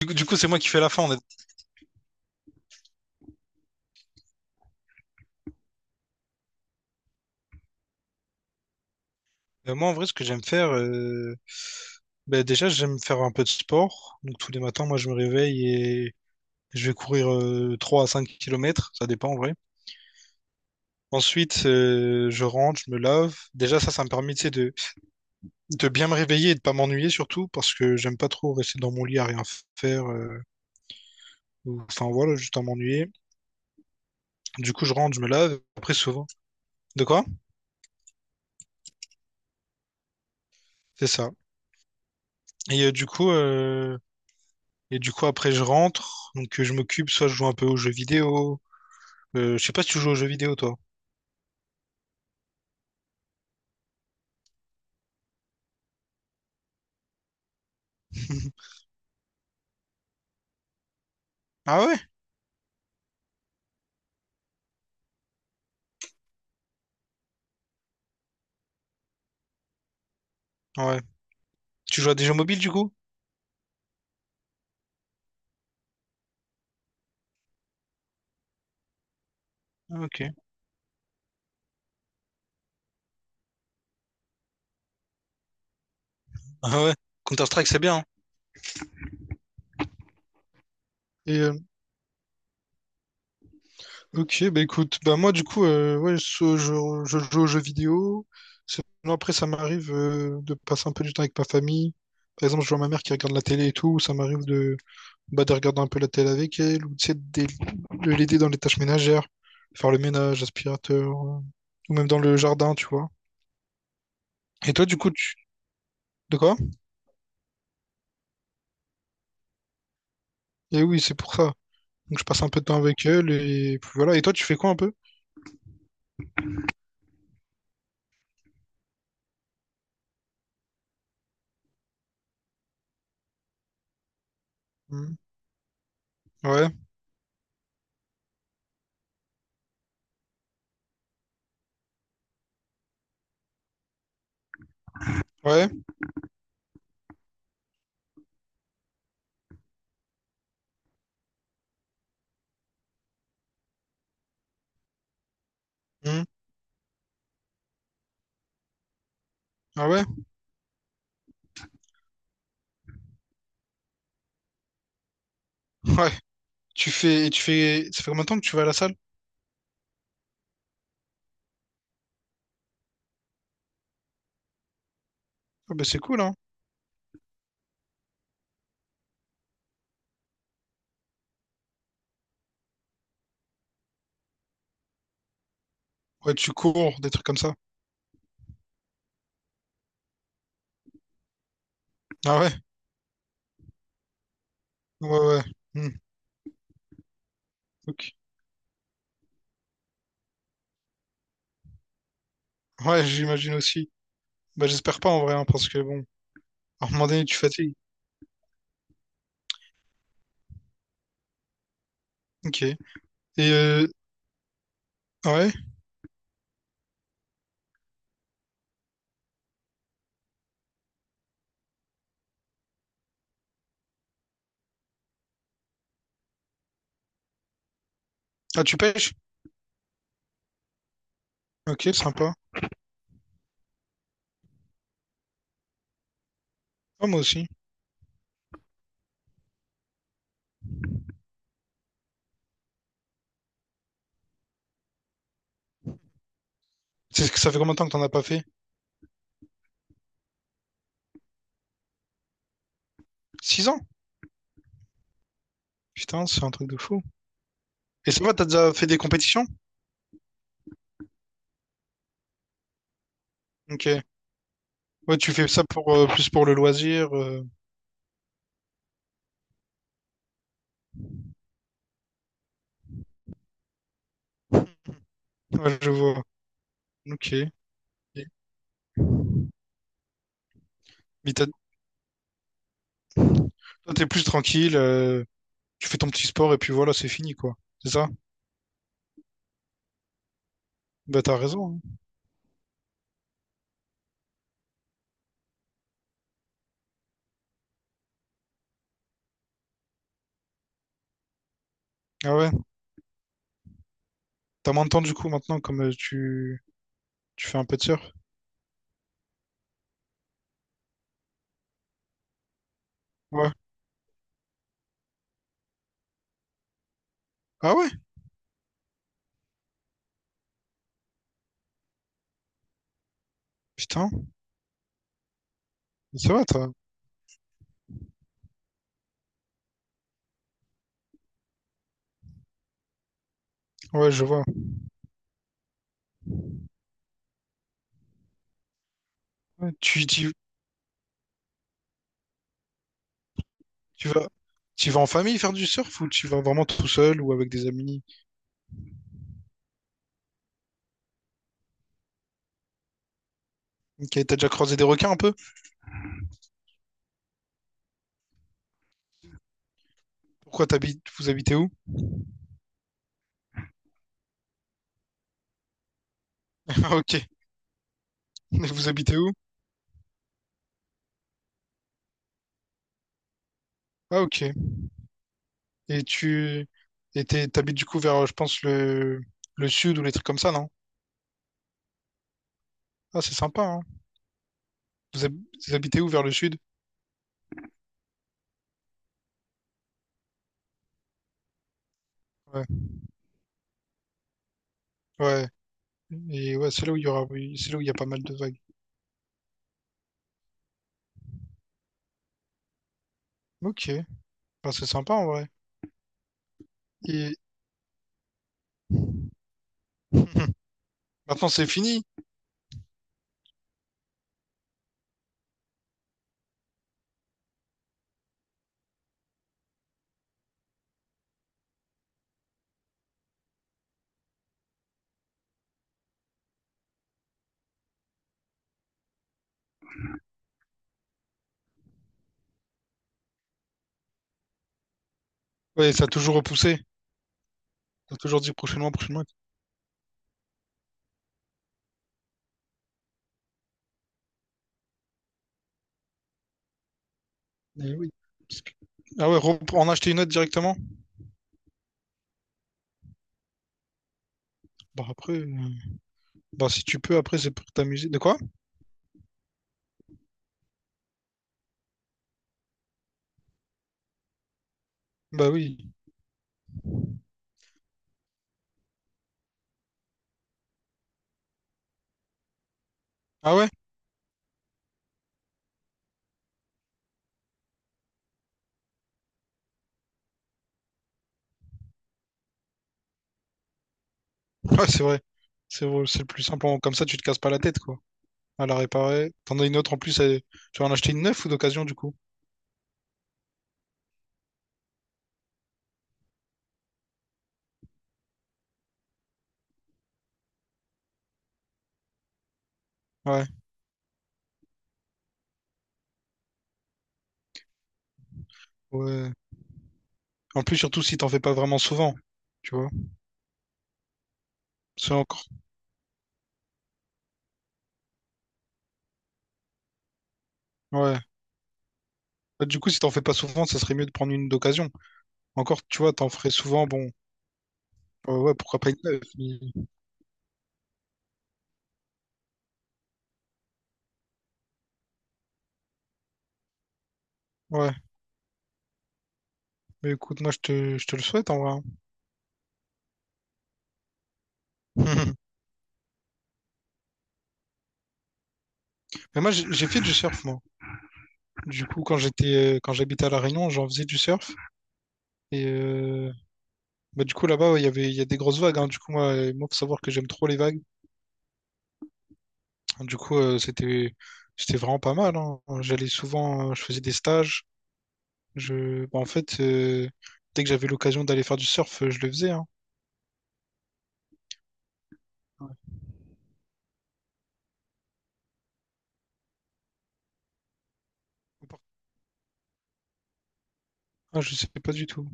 Du coup, c'est moi qui fais la fin en fait. Moi, en vrai, ce que j'aime faire, ben, déjà, j'aime faire un peu de sport. Donc, tous les matins, moi, je me réveille et je vais courir 3 à 5 kilomètres. Ça dépend, en vrai. Ensuite, je rentre, je me lave. Déjà, ça me permet, tu sais, de bien me réveiller et de pas m'ennuyer, surtout, parce que j'aime pas trop rester dans mon lit à rien faire. Enfin, voilà, juste à m'ennuyer. Du coup, je rentre, je me lave. Après, souvent. De quoi? C'est ça. Et euh, du coup, euh, et du coup, après, je rentre. Donc, je m'occupe, soit je joue un peu aux jeux vidéo. Je sais pas si tu joues aux jeux vidéo, toi. Ah ouais? Ouais. Tu joues à des jeux mobiles, du coup? Ah, Ok. Ah ouais. Counter-Strike, c'est bien, hein. Et euh, ok, bah écoute, bah moi du coup, ouais, je joue aux jeux vidéo. Sinon, après, ça m'arrive de passer un peu du temps avec ma famille. Par exemple, je vois ma mère qui regarde la télé et tout. Ça m'arrive de, bah, de regarder un peu la télé avec elle ou tu sais, de l'aider dans les tâches ménagères, faire le ménage, aspirateur, ou même dans le jardin, tu vois. Et toi, du coup, tu... De quoi? Et oui, c'est pour ça. Donc je passe un peu de temps avec elle et puis voilà. Et toi, tu fais quoi un peu? Hmm. Ouais, ouais, hmm. Ah ouais, ouais. Tu fais, et tu fais, Ça fait combien de temps que tu vas à la salle? Ah bah c'est cool, hein? Ouais, tu cours, des trucs comme ça. Ah ouais, ouais, ouais. Hmm. Ok. Ouais, j'imagine aussi. Bah j'espère pas en vrai, hein, parce que bon, à un moment donné, tu fatigues. Ok. Euh, ouais. Ah, tu pêches? Ok, sympa. Ah, moi aussi. C'est ce que ça fait combien de temps que t'en as pas fait? 6 ans? Putain, c'est un truc de fou. Et ça va, t'as déjà fait des compétitions? Ok. Ouais, tu fais ça pour plus pour le loisir. Ouais, je vois. Ok. Mais toi, t'es plus tranquille, tu fais ton petit sport et puis voilà, c'est fini, quoi. C'est ça? Bah, t'as raison, hein. Ah ouais? T'as moins de temps, du coup, maintenant, comme tu fais un peu de surf? Ouais. Ah ouais? Putain. Ça va, toi? Ouais, je vois. Ouais, tu vas, tu vas en famille faire du surf ou tu vas vraiment tout seul ou avec des amis? Ok, t'as déjà croisé des requins un peu? Vous habitez où? Ah, ok. Mais vous habitez où? Ah, ok. Et tu et t'habites du coup vers, je pense, le sud ou les trucs comme ça, non? Ah, c'est sympa, hein. Vous, hab- vous habitez où vers le sud? Ouais. Ouais. Et ouais, c'est là où il y aura, oui, c'est là où il y a pas mal de vagues. Ok. Bah, c'est sympa, en vrai. Et maintenant, c'est fini. Ouais, ça a toujours repoussé. Ça a toujours dit prochainement, prochainement. Eh oui. Parce que- Ah ouais, en acheter une autre directement? Bah, après, bah, si tu peux, après, c'est pour t'amuser. De quoi? Bah oui. Ah ouais? Ouais, c'est vrai. C'est vrai, c'est le plus simple. Comme ça, tu te casses pas la tête, quoi. À la réparer. T'en as une autre en plus. Tu vas en acheter une neuve ou d'occasion, du coup? Ouais. Ouais. En plus, surtout si t'en fais pas vraiment souvent. Tu vois? C'est encore. Ouais. Bah, du coup, si t'en fais pas souvent, ça serait mieux de prendre une d'occasion. Encore, tu vois, t'en ferais souvent, bon, ouais, pourquoi pas une neuve? Ouais. Mais écoute, moi, je te le souhaite, en vrai, hein. Mais moi, j'ai fait du surf, moi. Du coup, quand j'habitais à La Réunion, j'en faisais du surf. Et euh, Bah, du coup, là-bas, ouais, il y a des grosses vagues, hein. Du coup, moi, faut savoir que j'aime trop les vagues. Du coup, c'était vraiment pas mal, hein. J'allais souvent, je faisais des stages. Bah, en fait, dès que j'avais l'occasion d'aller faire du surf, je le faisais, hein. Ah, je sais pas du tout.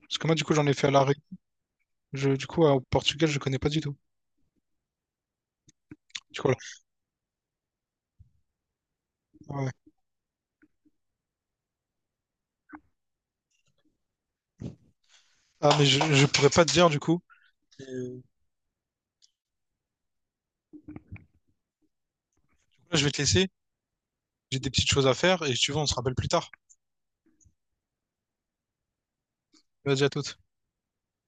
Parce que moi, du coup, j'en ai fait à l'arrêt. Du coup, au Portugal, je connais pas du tout. Du coup, voilà. Ouais. Ah, mais je pourrais pas te dire, du coup. Euh, Là, je vais te laisser. J'ai des petites choses à faire et si tu veux, on se rappelle plus tard. Vas-y, à toutes.